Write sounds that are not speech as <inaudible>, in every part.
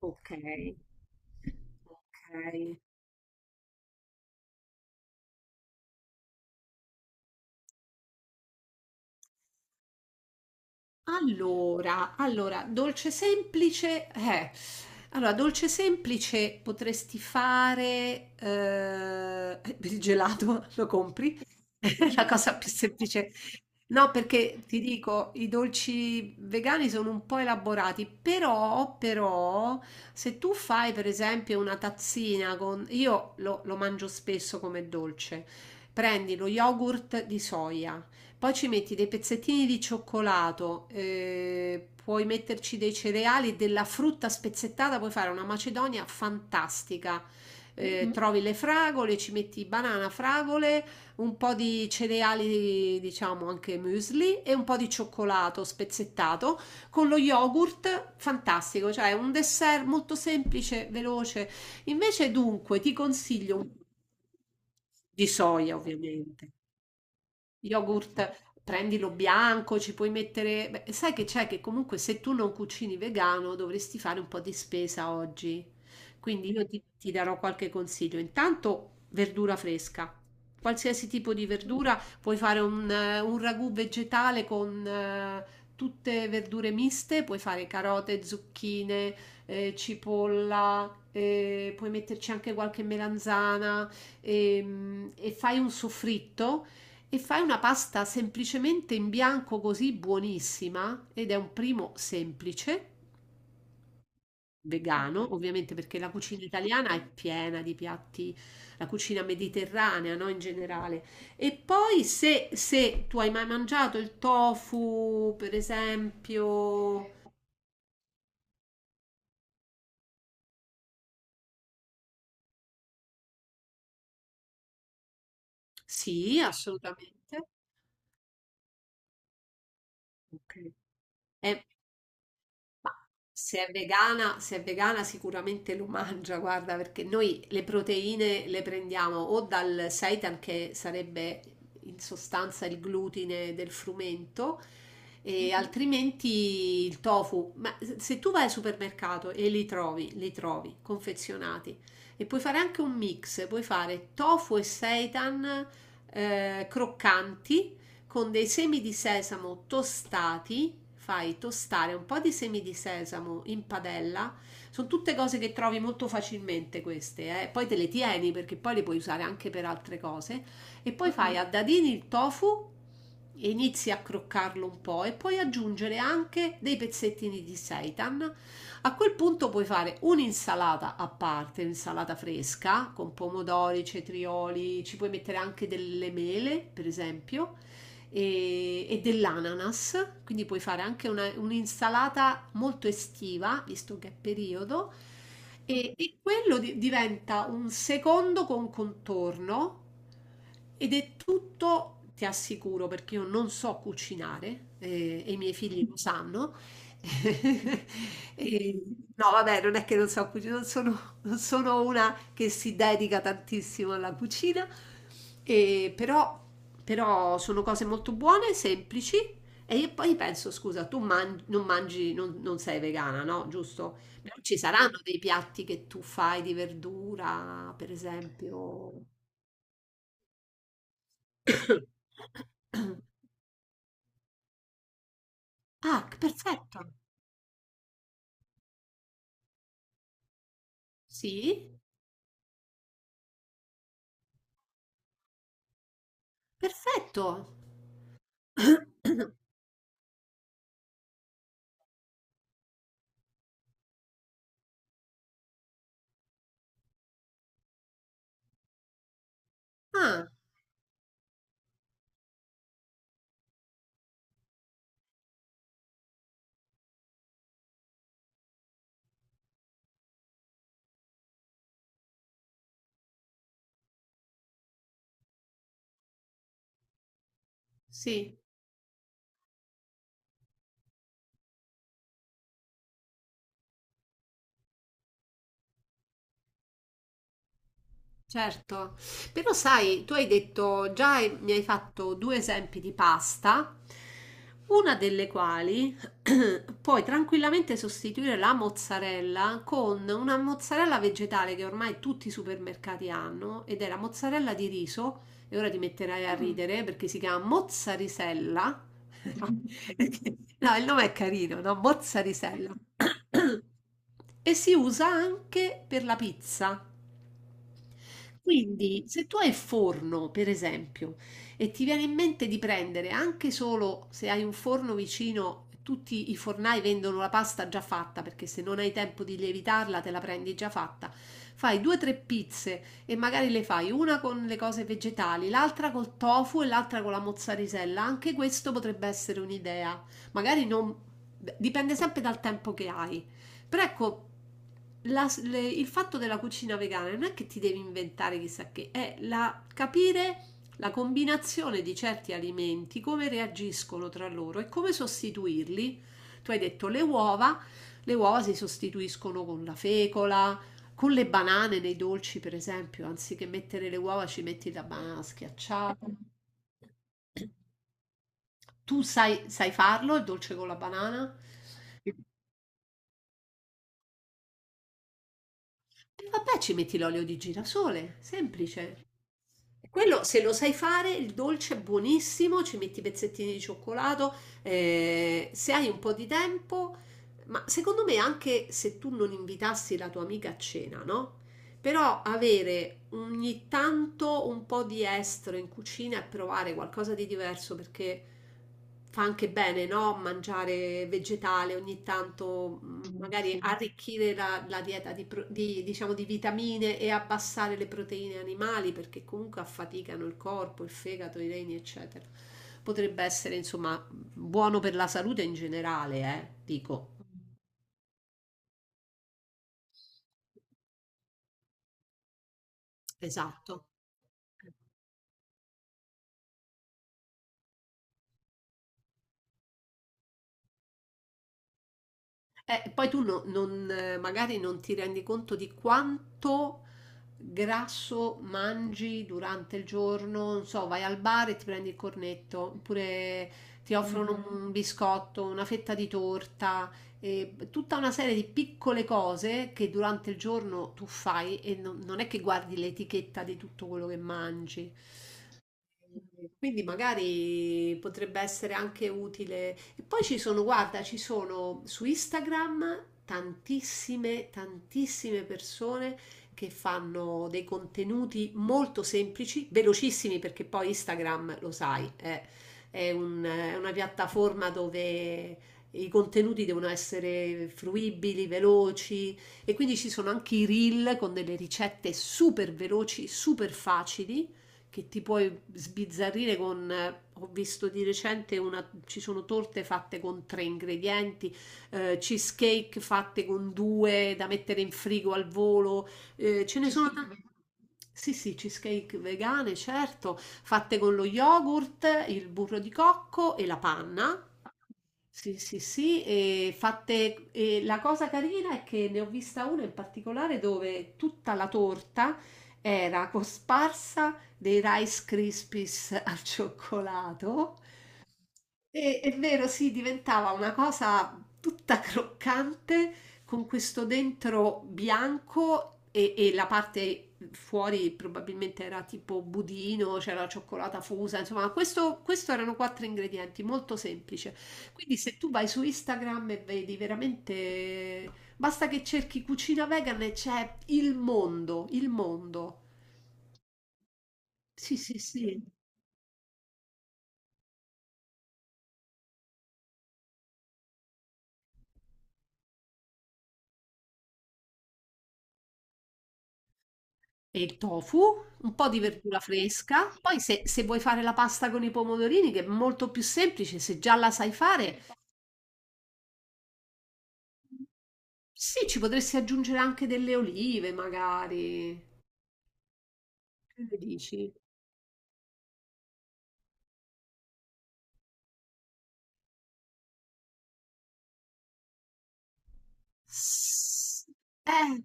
Ok, ok. Allora, dolce semplice, eh. Allora, dolce semplice potresti fare il gelato, <laughs> lo compri? <laughs> È la cosa più semplice. No, perché ti dico, i dolci vegani sono un po' elaborati, però, se tu fai per esempio una tazzina con... Io lo mangio spesso come dolce. Prendi lo yogurt di soia. Poi ci metti dei pezzettini di cioccolato, puoi metterci dei cereali, della frutta spezzettata, puoi fare una macedonia fantastica. Mhm. Trovi le fragole, ci metti banana, fragole, un po' di cereali, diciamo anche muesli e un po' di cioccolato spezzettato con lo yogurt, fantastico, cioè un dessert molto semplice, veloce. Invece dunque ti consiglio di soia, ovviamente. Yogurt, prendilo bianco, ci puoi mettere... Beh, sai che c'è, che comunque se tu non cucini vegano dovresti fare un po' di spesa oggi. Quindi io ti darò qualche consiglio. Intanto verdura fresca. Qualsiasi tipo di verdura, puoi fare un ragù vegetale con tutte verdure miste, puoi fare carote, zucchine, cipolla, puoi metterci anche qualche melanzana, e fai un soffritto e fai una pasta semplicemente in bianco, così buonissima, ed è un primo semplice, vegano, ovviamente, perché la cucina italiana è piena di piatti, la cucina mediterranea, no, in generale. E poi se tu hai mai mangiato il tofu, per esempio, sì, assolutamente. Ok. È Ma se è vegana, se è vegana sicuramente lo mangia, guarda, perché noi le proteine le prendiamo o dal seitan, che sarebbe in sostanza il glutine del frumento, e altrimenti il tofu. Ma se tu vai al supermercato e li trovi confezionati, e puoi fare anche un mix, puoi fare tofu e seitan, croccanti con dei semi di sesamo tostati, fai tostare un po' di semi di sesamo in padella. Sono tutte cose che trovi molto facilmente queste, poi te le tieni perché poi le puoi usare anche per altre cose, e poi fai a dadini il tofu e inizi a croccarlo un po' e puoi aggiungere anche dei pezzettini di seitan. A quel punto puoi fare un'insalata a parte, un'insalata fresca con pomodori, cetrioli, ci puoi mettere anche delle mele, per esempio, e dell'ananas, quindi puoi fare anche un'insalata molto estiva, visto che è periodo, e quello diventa un secondo con contorno, ed è tutto, ti assicuro, perché io non so cucinare, e i miei figli lo sanno. <laughs> E- no, vabbè, non è che non so cucinare, non sono una che si dedica tantissimo alla cucina, e però sono cose molto buone, semplici. E io poi penso, scusa, tu non mangi, non sei vegana, no? Giusto? Però ci saranno dei piatti che tu fai di verdura, per esempio. <coughs> Ah, perfetto. Sì, perfetto. <coughs> Ah, sì. Certo, però sai, tu hai detto, già mi hai fatto due esempi di pasta, una delle quali <clears throat> puoi tranquillamente sostituire la mozzarella con una mozzarella vegetale che ormai tutti i supermercati hanno, ed è la mozzarella di riso, e ora ti metterai a ridere, perché si chiama mozzarisella. <laughs> No, il nome è carino, no? Mozzarisella. <clears throat> <coughs> E si usa anche per la pizza. Quindi, se tu hai forno, per esempio, e ti viene in mente di prendere, anche solo se hai un forno vicino, tutti i fornai vendono la pasta già fatta, perché se non hai tempo di lievitarla, te la prendi già fatta. Fai due o tre pizze e magari le fai una con le cose vegetali, l'altra col tofu e l'altra con la mozzarella. Anche questo potrebbe essere un'idea. Magari non... Dipende sempre dal tempo che hai. Però ecco, il fatto della cucina vegana non è che ti devi inventare chissà che, è capire la combinazione di certi alimenti, come reagiscono tra loro e come sostituirli. Tu hai detto le uova si sostituiscono con la fecola, con le banane nei dolci, per esempio, anziché mettere le uova ci metti la banana schiacciata. Tu sai farlo, il dolce con la banana? E vabbè, ci metti l'olio di girasole, semplice. Quello, se lo sai fare, il dolce è buonissimo, ci metti i pezzettini di cioccolato, se hai un po' di tempo, ma secondo me, anche se tu non invitassi la tua amica a cena, no? Però avere ogni tanto un po' di estero in cucina e provare qualcosa di diverso, perché fa anche bene, no? Mangiare vegetale ogni tanto, magari, sì, arricchire la dieta di, diciamo, di vitamine, e abbassare le proteine animali perché comunque affaticano il corpo, il fegato, i reni, eccetera. Potrebbe essere, insomma, buono per la salute in generale, eh? Dico. Esatto. Poi tu no- non, magari non ti rendi conto di quanto grasso mangi durante il giorno, non so, vai al bar e ti prendi il cornetto, oppure ti offrono un biscotto, una fetta di torta, e tutta una serie di piccole cose che durante il giorno tu fai, e non è che guardi l'etichetta di tutto quello che mangi. Quindi magari potrebbe essere anche utile. E poi ci sono, guarda, ci sono su Instagram tantissime, tantissime persone che fanno dei contenuti molto semplici, velocissimi, perché poi Instagram, lo sai, è una piattaforma dove i contenuti devono essere fruibili, veloci, e quindi ci sono anche i reel con delle ricette super veloci, super facili, che ti puoi sbizzarrire con, ho visto di recente una, ci sono torte fatte con tre ingredienti, cheesecake fatte con due da mettere in frigo al volo, ce ne sono Cheesecake tante, vegano. Sì, sì, cheesecake vegane, certo, fatte con lo yogurt, il burro di cocco e la panna. Sì, sì, sì, e fatte, e la cosa carina è che ne ho vista una in particolare dove tutta la torta era cosparsa dei Rice Krispies al cioccolato è vero, sì, diventava una cosa tutta <laughs> croccante, con questo dentro bianco e la parte fuori probabilmente era tipo budino, c'era la cioccolata fusa, insomma, questo erano quattro ingredienti, molto semplice. Quindi se tu vai su Instagram e vedi, veramente, basta che cerchi cucina vegan e c'è il mondo, il mondo. Sì, sì, sì. E il tofu, un po' di verdura fresca, poi se vuoi fare la pasta con i pomodorini, che è molto più semplice, se già la sai fare, sì, ci potresti aggiungere anche delle olive, magari. Che ne dici? S- Eh,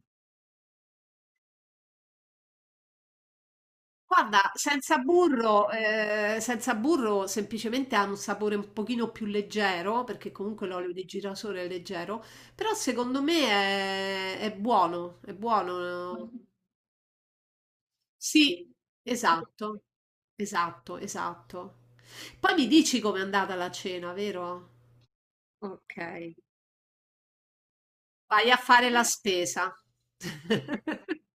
guarda, senza burro, senza burro semplicemente ha un sapore un pochino più leggero, perché comunque l'olio di girasole è leggero, però secondo me è buono, è buono. Sì, esatto, esatto, esatto. Poi mi dici com'è andata la cena, vero? Ok. Vai a fare la spesa. <laughs>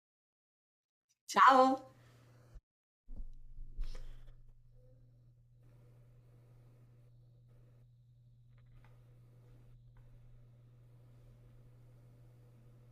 Ciao!